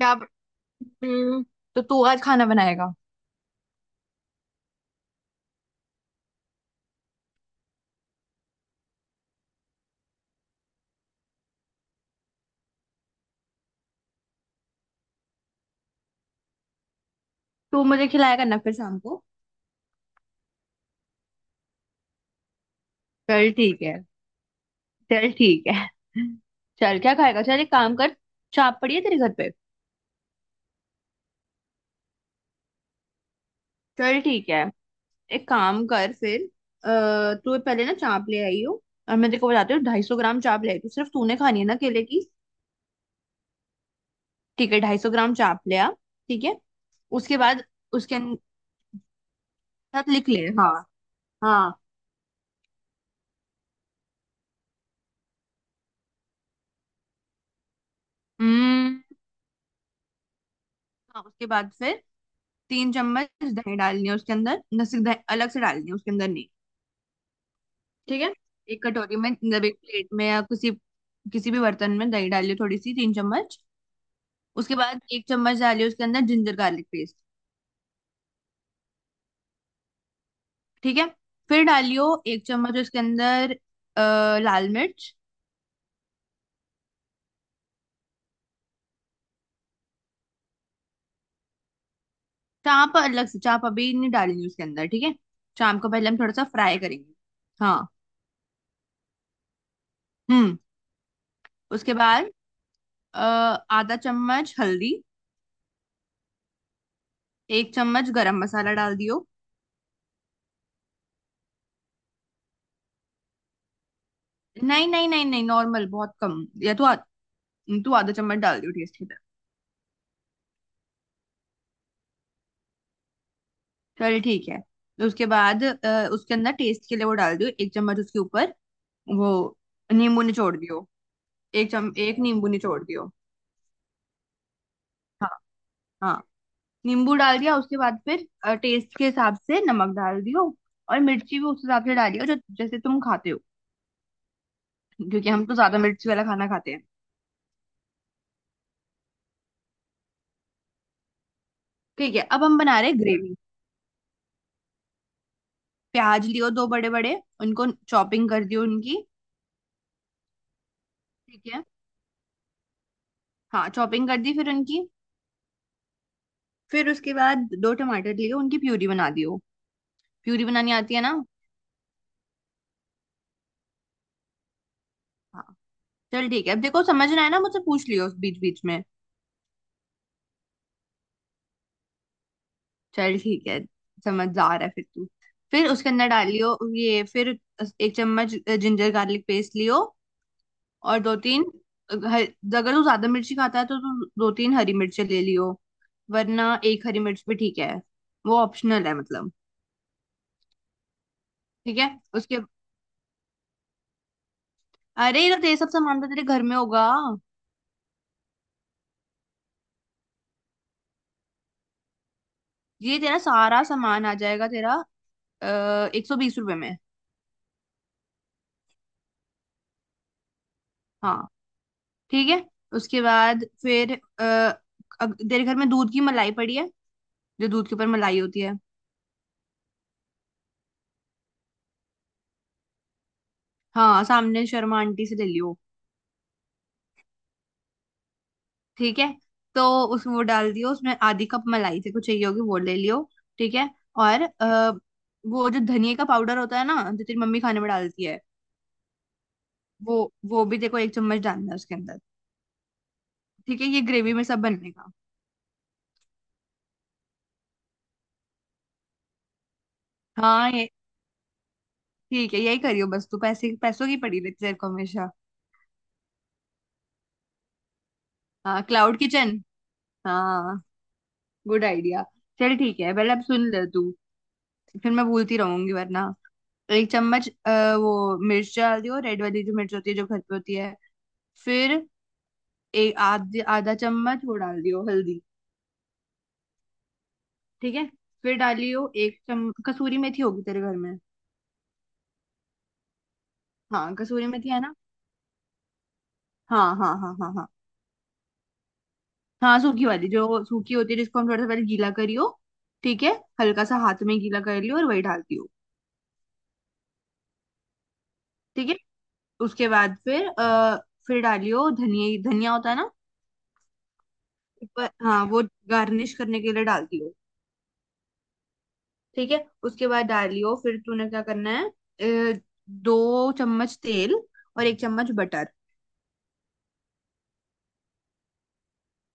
क्या। हम्म, तो तू आज खाना बनाएगा। तू मुझे खिलाया करना फिर शाम को। चल ठीक है। चल ठीक है। चल क्या खाएगा। चल एक काम कर। चाप पड़ी है तेरे घर पे। चल ठीक है। एक काम कर फिर। अः तू पहले ना चाप ले आई हो। और मैं तेरे को बताती हूँ 250 ग्राम चाप ले आई। तू सिर्फ तूने खानी है ना केले की। ठीक है। 250 ग्राम चाप ले आ। ठीक है। उसके बाद। उसके अन- साथ लिख ले। हाँ। हाँ। हम्म। हाँ। उसके बाद फिर 3 चम्मच दही डालनी है उसके अंदर न। सिर्फ दही अलग से डालनी है उसके अंदर नहीं। ठीक है। एक कटोरी में मतलब एक प्लेट में या किसी किसी भी बर्तन में दही डालिए थोड़ी सी 3 चम्मच। उसके बाद 1 चम्मच डालिए उसके अंदर जिंजर गार्लिक पेस्ट। ठीक है। फिर डालियो 1 चम्मच उसके अंदर लाल मिर्च। चाप अलग से। चाप अभी नहीं डालनी उसके अंदर। ठीक है। चाप को पहले हम थोड़ा सा फ्राई करेंगे। हाँ। हम्म। उसके बाद अ, आधा चम्मच हल्दी। एक चम्मच गरम मसाला डाल दियो। नहीं नहीं नहीं नहीं नॉर्मल बहुत कम या तो तू आधा चम्मच डाल दियो टेस्ट के। चल ठीक है। तो उसके बाद उसके अंदर टेस्ट के लिए वो डाल दियो 1 चम्मच उसके ऊपर वो नींबू निचोड़ दियो। एक नींबू निचोड़ दियो। हाँ। हाँ। नींबू डाल दिया उसके बाद फिर टेस्ट के हिसाब से नमक डाल दियो। और मिर्ची भी उस हिसाब से डालियो जो जैसे तुम खाते हो। क्योंकि हम तो ज्यादा मिर्ची वाला खाना खाते हैं। ठीक है। अब हम बना रहे ग्रेवी। प्याज लियो दो बड़े बड़े। उनको चॉपिंग कर दियो उनकी। ठीक है। हाँ। चॉपिंग कर दी फिर उनकी। फिर उसके बाद दो टमाटर लियो उनकी प्यूरी बना दियो। प्यूरी बनानी आती है ना। हाँ। चल ठीक है। अब देखो समझना है ना मुझसे पूछ लियो बीच बीच में। चल ठीक है। समझ जा रहा है फिर तू। फिर उसके अंदर डाल लियो ये फिर एक चम्मच जिंजर गार्लिक पेस्ट लियो। और दो तीन अगर तू ज्यादा मिर्ची खाता है तो तू दो तीन हरी मिर्ची ले लियो। वरना एक हरी मिर्च भी ठीक है। वो ऑप्शनल है मतलब। ठीक है। उसके अरे ये तो तेरे सब सामान तो तेरे घर में होगा। ये तेरा सारा सामान आ जाएगा तेरा 120 रुपए में। हाँ। ठीक है। उसके बाद फिर अ, तेरे घर में दूध की मलाई पड़ी है जो दूध के ऊपर मलाई होती है। हाँ सामने शर्मा आंटी से ले लियो। ठीक है। तो उस वो डाल दियो उसमें आधी कप मलाई से कुछ चाहिए होगी वो ले लियो। ठीक है। और वो जो धनिया का पाउडर होता है ना जो तेरी मम्मी खाने में डालती है वो वो भी देखो 1 चम्मच डालना है उसके अंदर। ठीक है। ये ग्रेवी में सब बनने का। हाँ। ये ठीक है। यही करियो बस तू पैसे पैसों की पड़ी रहती है तेरे को हमेशा। हाँ क्लाउड किचन। हाँ। Good idea. चल ठीक है। पहले अब सुन ले तू फिर मैं भूलती रहूंगी वरना। 1 चम्मच वो मिर्च डाल दियो रेड वाली जो मिर्च होती है जो घर पे होती है। फिर एक आध आधा चम्मच वो डाल दियो हल्दी। ठीक है। फिर डालियो एक चम कसूरी मेथी होगी तेरे घर में। हाँ कसूरी मेथी है ना। हाँ हाँ हाँ हाँ हाँ। हाँ सूखी वाली जो सूखी होती है जिसको हम थोड़ा सा पहले गीला करियो। ठीक है। हल्का सा हाथ में गीला कर लियो और वही डाल दियो। ठीक है। उसके बाद फिर फिर डालियो धनिया। धनिया होता है ना। ऊपर हाँ वो गार्निश करने के लिए डाल दियो। ठीक है। उसके बाद डालियो फिर तूने क्या करना है अ, 2 चम्मच तेल और 1 चम्मच बटर।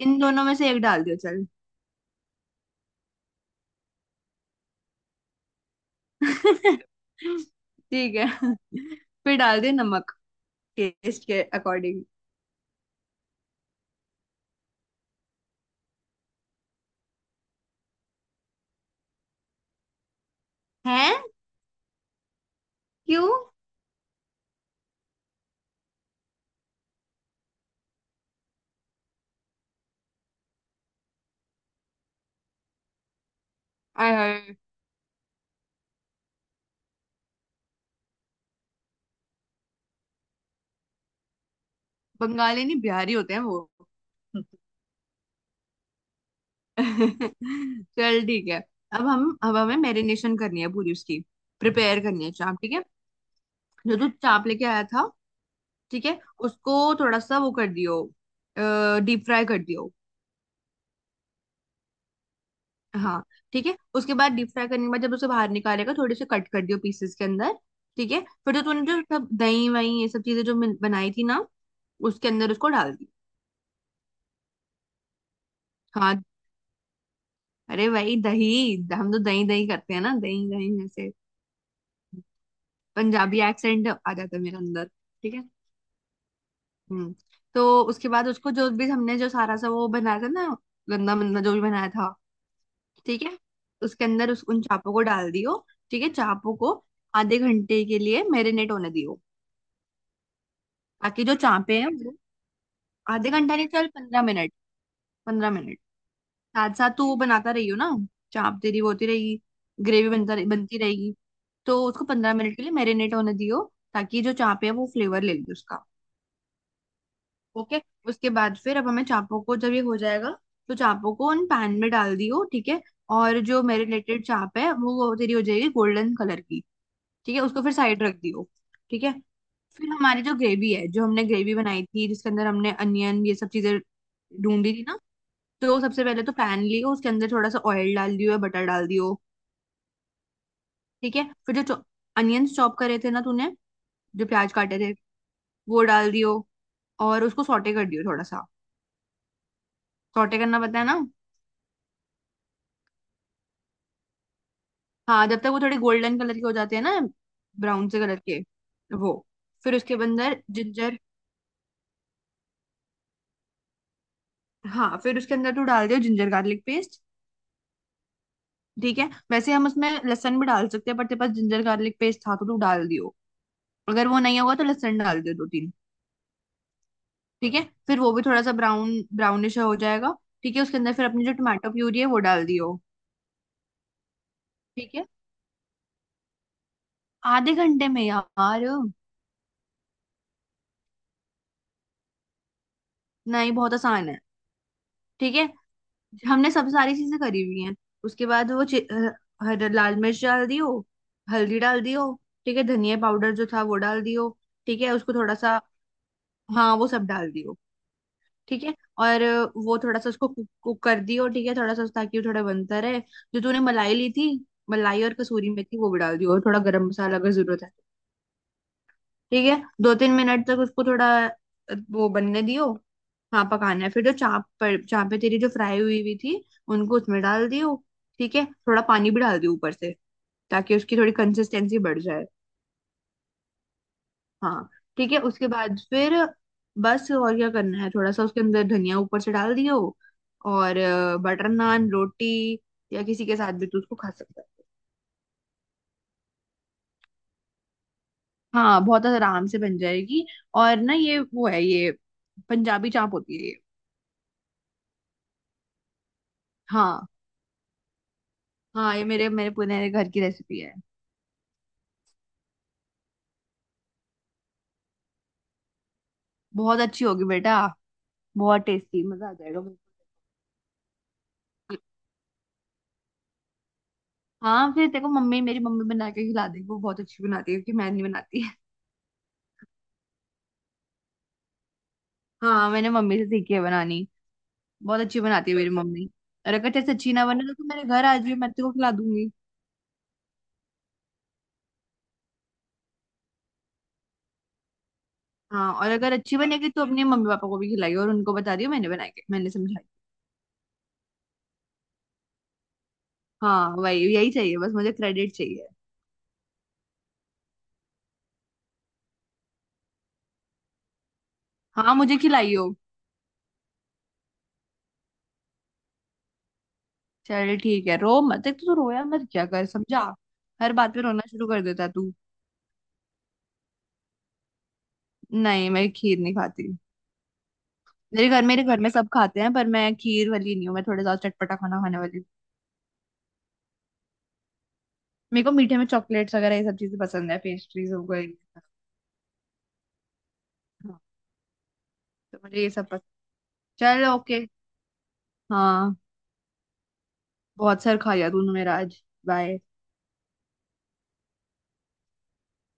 इन दोनों में से एक डाल दियो चल। ठीक है। फिर डाल दियो नमक टेस्ट के अकॉर्डिंग। है। क्यों। आय हाय। बंगाली नहीं बिहारी होते हैं वो। चल ठीक है। अब हमें मैरिनेशन करनी है पूरी उसकी। प्रिपेयर करनी है चाप। ठीक है। जो तू चाप लेके आया था। ठीक है। उसको थोड़ा सा वो कर दियो। डीप फ्राई कर दियो। हाँ। ठीक है। उसके बाद डीप फ्राई करने के बाद जब उसे बाहर निकालेगा थोड़े से कट कर दियो पीसेस के अंदर। ठीक है। फिर जो तूने जो सब दही वही ये सब चीजें जो बनाई थी ना उसके अंदर उसको डाल दी। हाँ। अरे भाई दही। हम तो दही दही करते हैं ना। दही दही ऐसे। पंजाबी एक्सेंट आ जाता है मेरे अंदर। ठीक है। हम्म। तो उसके बाद उसको जो भी हमने जो सारा सा वो बनाया था ना गंदा मंदा जो भी बनाया था। ठीक है। उसके अंदर उस उन चापों को डाल दियो। ठीक है। चापों को आधे घंटे के लिए मैरिनेट होने दियो। ताकि जो चापे हैं वो आधे घंटा नहीं। चल 15 मिनट। 15 मिनट। साथ साथ तू वो बनाता रहियो ना। चाप तेरी वो होती रहेगी। ग्रेवी बनती रहेगी। तो उसको 15 मिनट के लिए मैरिनेट होने दियो ताकि जो चापे है वो फ्लेवर ले ले उसका। ओके। उसके बाद फिर अब हमें चापों को जब ये हो जाएगा तो चापों को उन पैन में डाल दियो। ठीक है। और जो मैरिनेटेड चाप है वो तेरी हो जाएगी गोल्डन कलर की। ठीक है। उसको फिर साइड रख दियो। ठीक है। फिर हमारी जो ग्रेवी है जो हमने ग्रेवी बनाई थी जिसके अंदर हमने अनियन ये सब चीजें ढूंढी थी ना। तो सबसे पहले तो पैन लियो उसके अंदर थोड़ा सा ऑयल डाल दियो या बटर डाल दियो। ठीक है। फिर जो अनियंस चॉप करे थे ना तूने जो प्याज काटे थे वो डाल दियो। और उसको सॉटे कर दियो थोड़ा सा। सॉटे करना पता है ना। हाँ जब तक वो थोड़े गोल्डन कलर के हो जाते हैं ना। ब्राउन से कलर के वो। फिर उसके अंदर जिंजर। हाँ फिर उसके अंदर तू डाल दियो जिंजर गार्लिक पेस्ट। ठीक है। वैसे हम उसमें लहसुन भी डाल सकते हैं पर तेरे पास जिंजर गार्लिक पेस्ट था तो तू डाल दियो। अगर वो नहीं होगा तो लहसुन डाल दियो दो तीन। ठीक है। फिर वो भी थोड़ा सा ब्राउनिश हो जाएगा। ठीक है। उसके अंदर फिर अपनी जो टमाटो प्यूरी है वो डाल दियो। ठीक है। आधे घंटे में यार। नहीं बहुत आसान है। ठीक है। हमने सब सारी चीजें करी हुई हैं। उसके बाद लाल मिर्च डाल दियो। हल्दी डाल दियो। ठीक है। धनिया पाउडर जो था वो डाल दियो। ठीक है। उसको थोड़ा सा। हाँ वो सब डाल दियो। ठीक है। और वो थोड़ा सा उसको कुक कर दियो। ठीक है। थोड़ा सा ताकि वो थोड़ा बनता रहे। जो तूने मलाई ली थी मलाई और कसूरी मेथी वो भी डाल दियो और थोड़ा गरम मसाला अगर जरूरत है। ठीक है। 2-3 मिनट तक उसको थोड़ा वो बनने दियो। हाँ पकाना है। फिर जो चापे तेरी जो फ्राई हुई हुई थी उनको उसमें डाल दियो। ठीक है। थोड़ा पानी भी डाल दियो ऊपर से ताकि उसकी थोड़ी कंसिस्टेंसी बढ़ जाए। हाँ। ठीक है। उसके बाद फिर बस और क्या करना है थोड़ा सा उसके अंदर धनिया ऊपर से डाल दियो। और बटर नान रोटी या किसी के साथ भी तू उसको खा सकता है। हाँ बहुत आराम से बन जाएगी। और ना ये वो है ये पंजाबी चाप होती है ये। हाँ। हाँ ये मेरे मेरे पुराने घर की रेसिपी है। बहुत अच्छी होगी बेटा। बहुत टेस्टी मजा आ जाएगा बिल्कुल। हाँ फिर देखो मम्मी मेरी मम्मी बना के खिला देगी वो बहुत अच्छी बनाती है क्योंकि मैं नहीं बनाती। हाँ मैंने मम्मी से सीखी है बनानी। बहुत अच्छी बनाती है मेरी मम्मी। और अगर तेरे से अच्छी ना बने तो तू मेरे घर आज भी मैं तेरे को खिला दूंगी। हाँ और अगर अच्छी बनेगी तो अपने मम्मी पापा को भी खिलाई और उनको बता दियो मैंने बनाई है, मैंने समझाई। हाँ वही यही चाहिए बस मुझे क्रेडिट चाहिए। हाँ मुझे खिलाइयो। चल ठीक है। रो मत। एक तो तू रोया मत क्या कर समझा। हर बात पे रोना शुरू कर देता है तू। नहीं मैं खीर नहीं खाती। मेरे घर में सब खाते हैं पर मैं खीर वाली नहीं हूँ। मैं थोड़ा ज्यादा चटपटा खाना खाने वाली हूँ। मेरे को मीठे में चॉकलेट्स वगैरह ये सब चीजें पसंद है पेस्ट्रीज हो गई। हाँ। तो मुझे ये सब पसंद। चल ओके। हाँ बहुत सर खाया तूने मेरा आज। बाय।